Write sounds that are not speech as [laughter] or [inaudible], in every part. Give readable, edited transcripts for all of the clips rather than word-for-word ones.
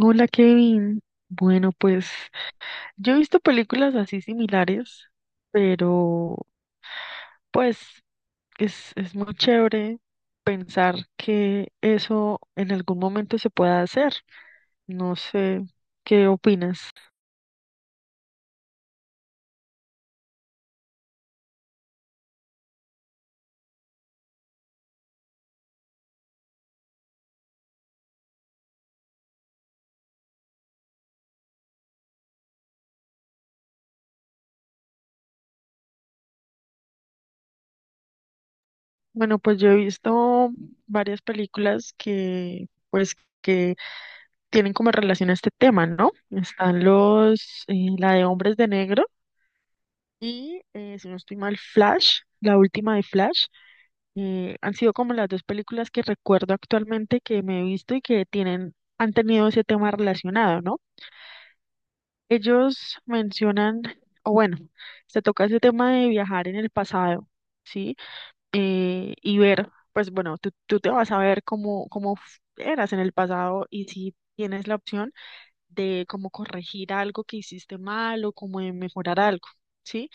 Hola Kevin. Bueno, pues yo he visto películas así similares, pero pues es muy chévere pensar que eso en algún momento se pueda hacer. No sé, ¿qué opinas? Bueno, pues yo he visto varias películas que pues que tienen como relación a este tema, ¿no? Están los, la de Hombres de Negro y, si no estoy mal, Flash, la última de Flash. Han sido como las dos películas que recuerdo actualmente que me he visto y que tienen, han tenido ese tema relacionado, ¿no? Ellos mencionan, o bueno, se toca ese tema de viajar en el pasado, ¿sí? Y ver, pues bueno, tú te vas a ver cómo, eras en el pasado y si tienes la opción de cómo corregir algo que hiciste mal o cómo de mejorar algo, ¿sí?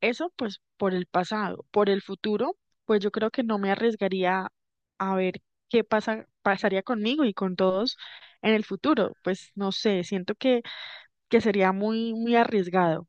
Eso pues por el pasado, por el futuro, pues yo creo que no me arriesgaría a ver pasaría conmigo y con todos en el futuro. Pues no sé, siento que sería muy arriesgado.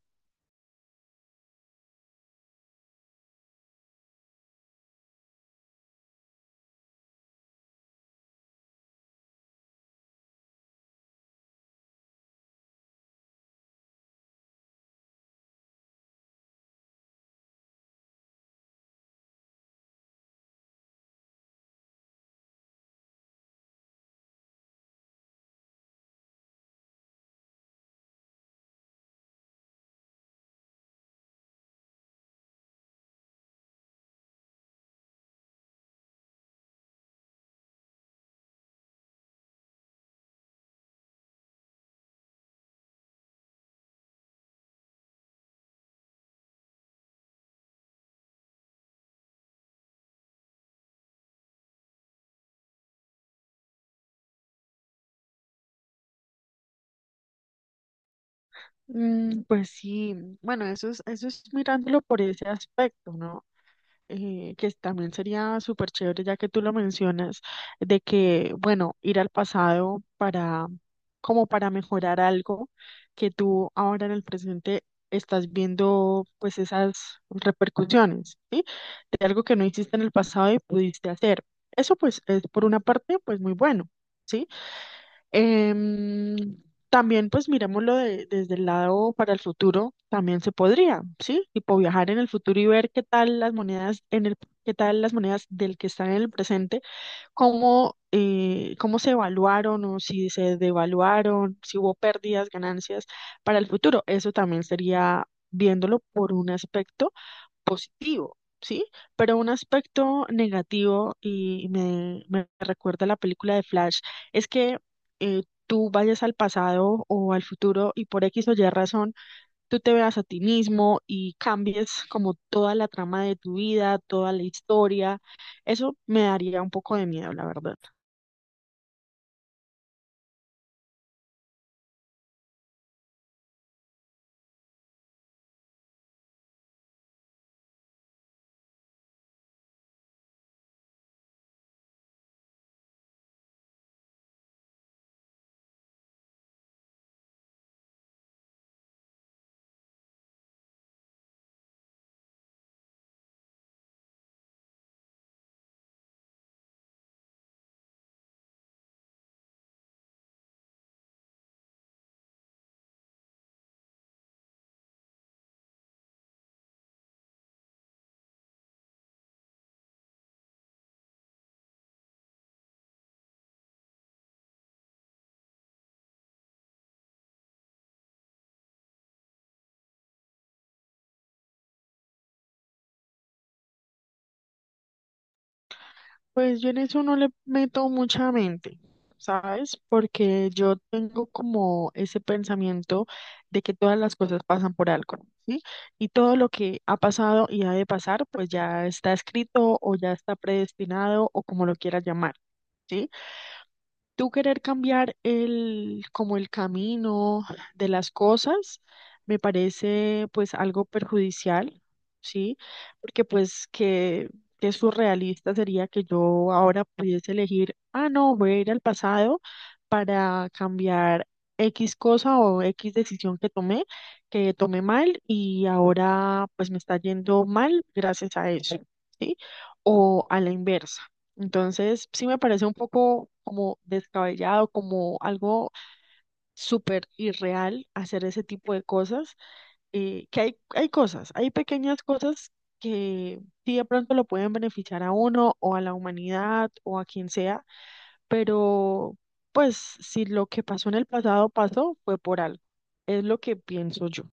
Mm, pues sí, bueno, eso es mirándolo por ese aspecto, ¿no? Eh, que también sería súper chévere, ya que tú lo mencionas, de que, bueno, ir al pasado para, como para mejorar algo que tú ahora en el presente estás viendo, pues esas repercusiones, ¿sí? De algo que no hiciste en el pasado y pudiste hacer. Eso, pues, es por una parte, pues muy bueno, ¿sí? Em, también, pues desde el lado para el futuro, también se podría, ¿sí? Tipo viajar en el futuro y ver qué tal las monedas en el, qué tal las monedas del que están en el presente, cómo, cómo se evaluaron o si se devaluaron, si hubo pérdidas, ganancias para el futuro. Eso también sería viéndolo por un aspecto positivo, ¿sí? Pero un aspecto negativo, y me recuerda la película de Flash, es que tú vayas al pasado o al futuro y por X o Y razón, tú te veas a ti mismo y cambies como toda la trama de tu vida, toda la historia. Eso me daría un poco de miedo, la verdad. Pues yo en eso no le meto mucha mente, ¿sabes? Porque yo tengo como ese pensamiento de que todas las cosas pasan por algo, ¿sí? Y todo lo que ha pasado y ha de pasar, pues ya está escrito o ya está predestinado o como lo quieras llamar. ¿Sí? Tú querer cambiar el, como el camino de las cosas, me parece pues algo perjudicial, ¿sí? Porque pues que surrealista sería que yo ahora pudiese elegir, ah, no, voy a ir al pasado para cambiar X cosa o X decisión que tomé mal y ahora pues me está yendo mal gracias a eso, ¿sí? O a la inversa. Entonces, sí me parece un poco como descabellado, como algo súper irreal hacer ese tipo de cosas, que hay cosas, hay pequeñas cosas que sí de pronto lo pueden beneficiar a uno o a la humanidad o a quien sea, pero pues si lo que pasó en el pasado pasó, fue por algo. Es lo que pienso yo.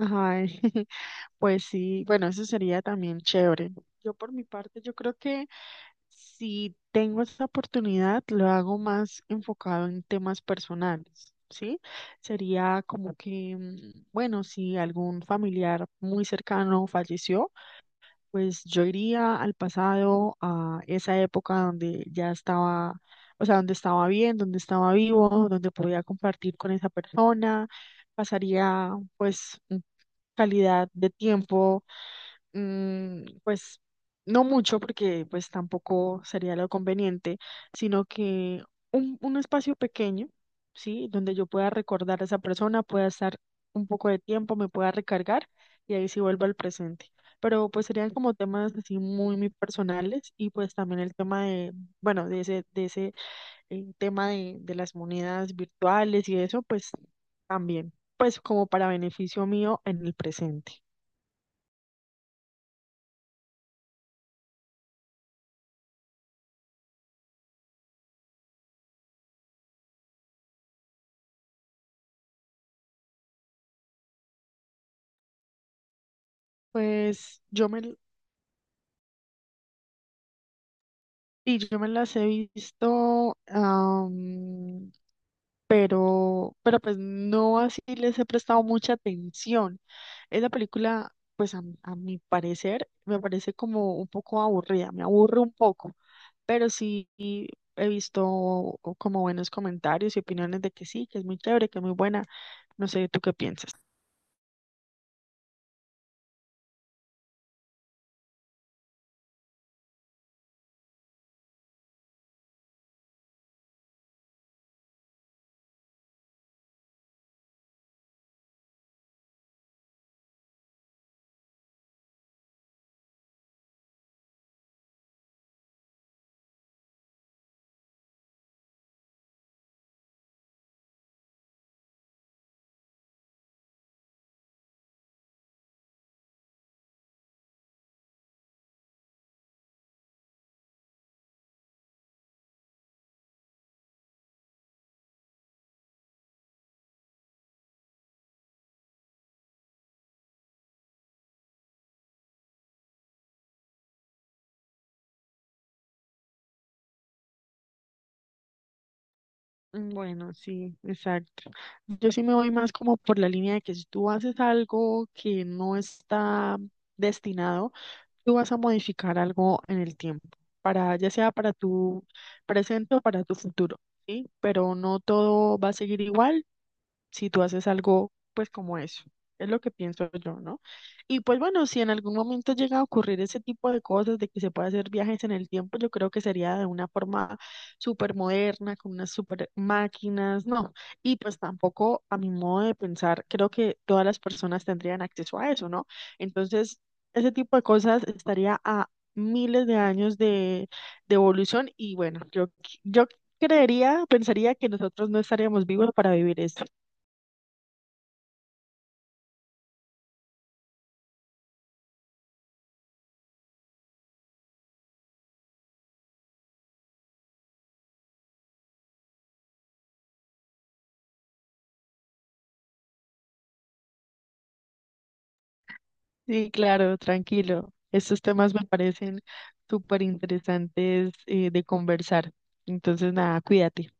Ay, [laughs] pues sí, bueno, eso sería también chévere. Yo por mi parte, yo creo que... Si tengo esa oportunidad, lo hago más enfocado en temas personales, ¿sí? Sería como que, mm, bueno, si algún familiar muy cercano falleció, pues yo iría al pasado, a esa época donde ya estaba, o sea, donde estaba bien, donde estaba vivo, donde podía compartir con esa persona, pasaría pues calidad de tiempo, mm, pues no mucho porque pues tampoco sería lo conveniente, sino que un espacio pequeño, ¿sí? Donde yo pueda recordar a esa persona, pueda estar un poco de tiempo, me pueda recargar y ahí sí vuelvo al presente, pero pues serían como temas así muy personales y pues también el tema de, bueno, de ese tema de las monedas virtuales y eso, pues también, pues como para beneficio mío en el presente. Pues y yo me las he visto, pero pues no así les he prestado mucha atención. Esa película, pues a mi parecer, me parece como un poco aburrida, me aburre un poco. Pero sí he visto como buenos comentarios y opiniones de que sí, que es muy chévere, que es muy buena. No sé, ¿tú qué piensas? Bueno, sí, exacto. Yo sí me voy más como por la línea de que si tú haces algo que no está destinado, tú vas a modificar algo en el tiempo, para ya sea para tu presente o para tu futuro, ¿sí? Pero no todo va a seguir igual si tú haces algo, pues como eso. Es lo que pienso yo, ¿no? Y pues bueno, si en algún momento llega a ocurrir ese tipo de cosas, de que se pueda hacer viajes en el tiempo, yo creo que sería de una forma súper moderna, con unas súper máquinas, ¿no? Y pues tampoco, a mi modo de pensar, creo que todas las personas tendrían acceso a eso, ¿no? Entonces, ese tipo de cosas estaría a miles de años de evolución y bueno, yo creería, pensaría que nosotros no estaríamos vivos para vivir esto. Sí, claro, tranquilo. Estos temas me parecen súper interesantes de conversar. Entonces, nada, cuídate.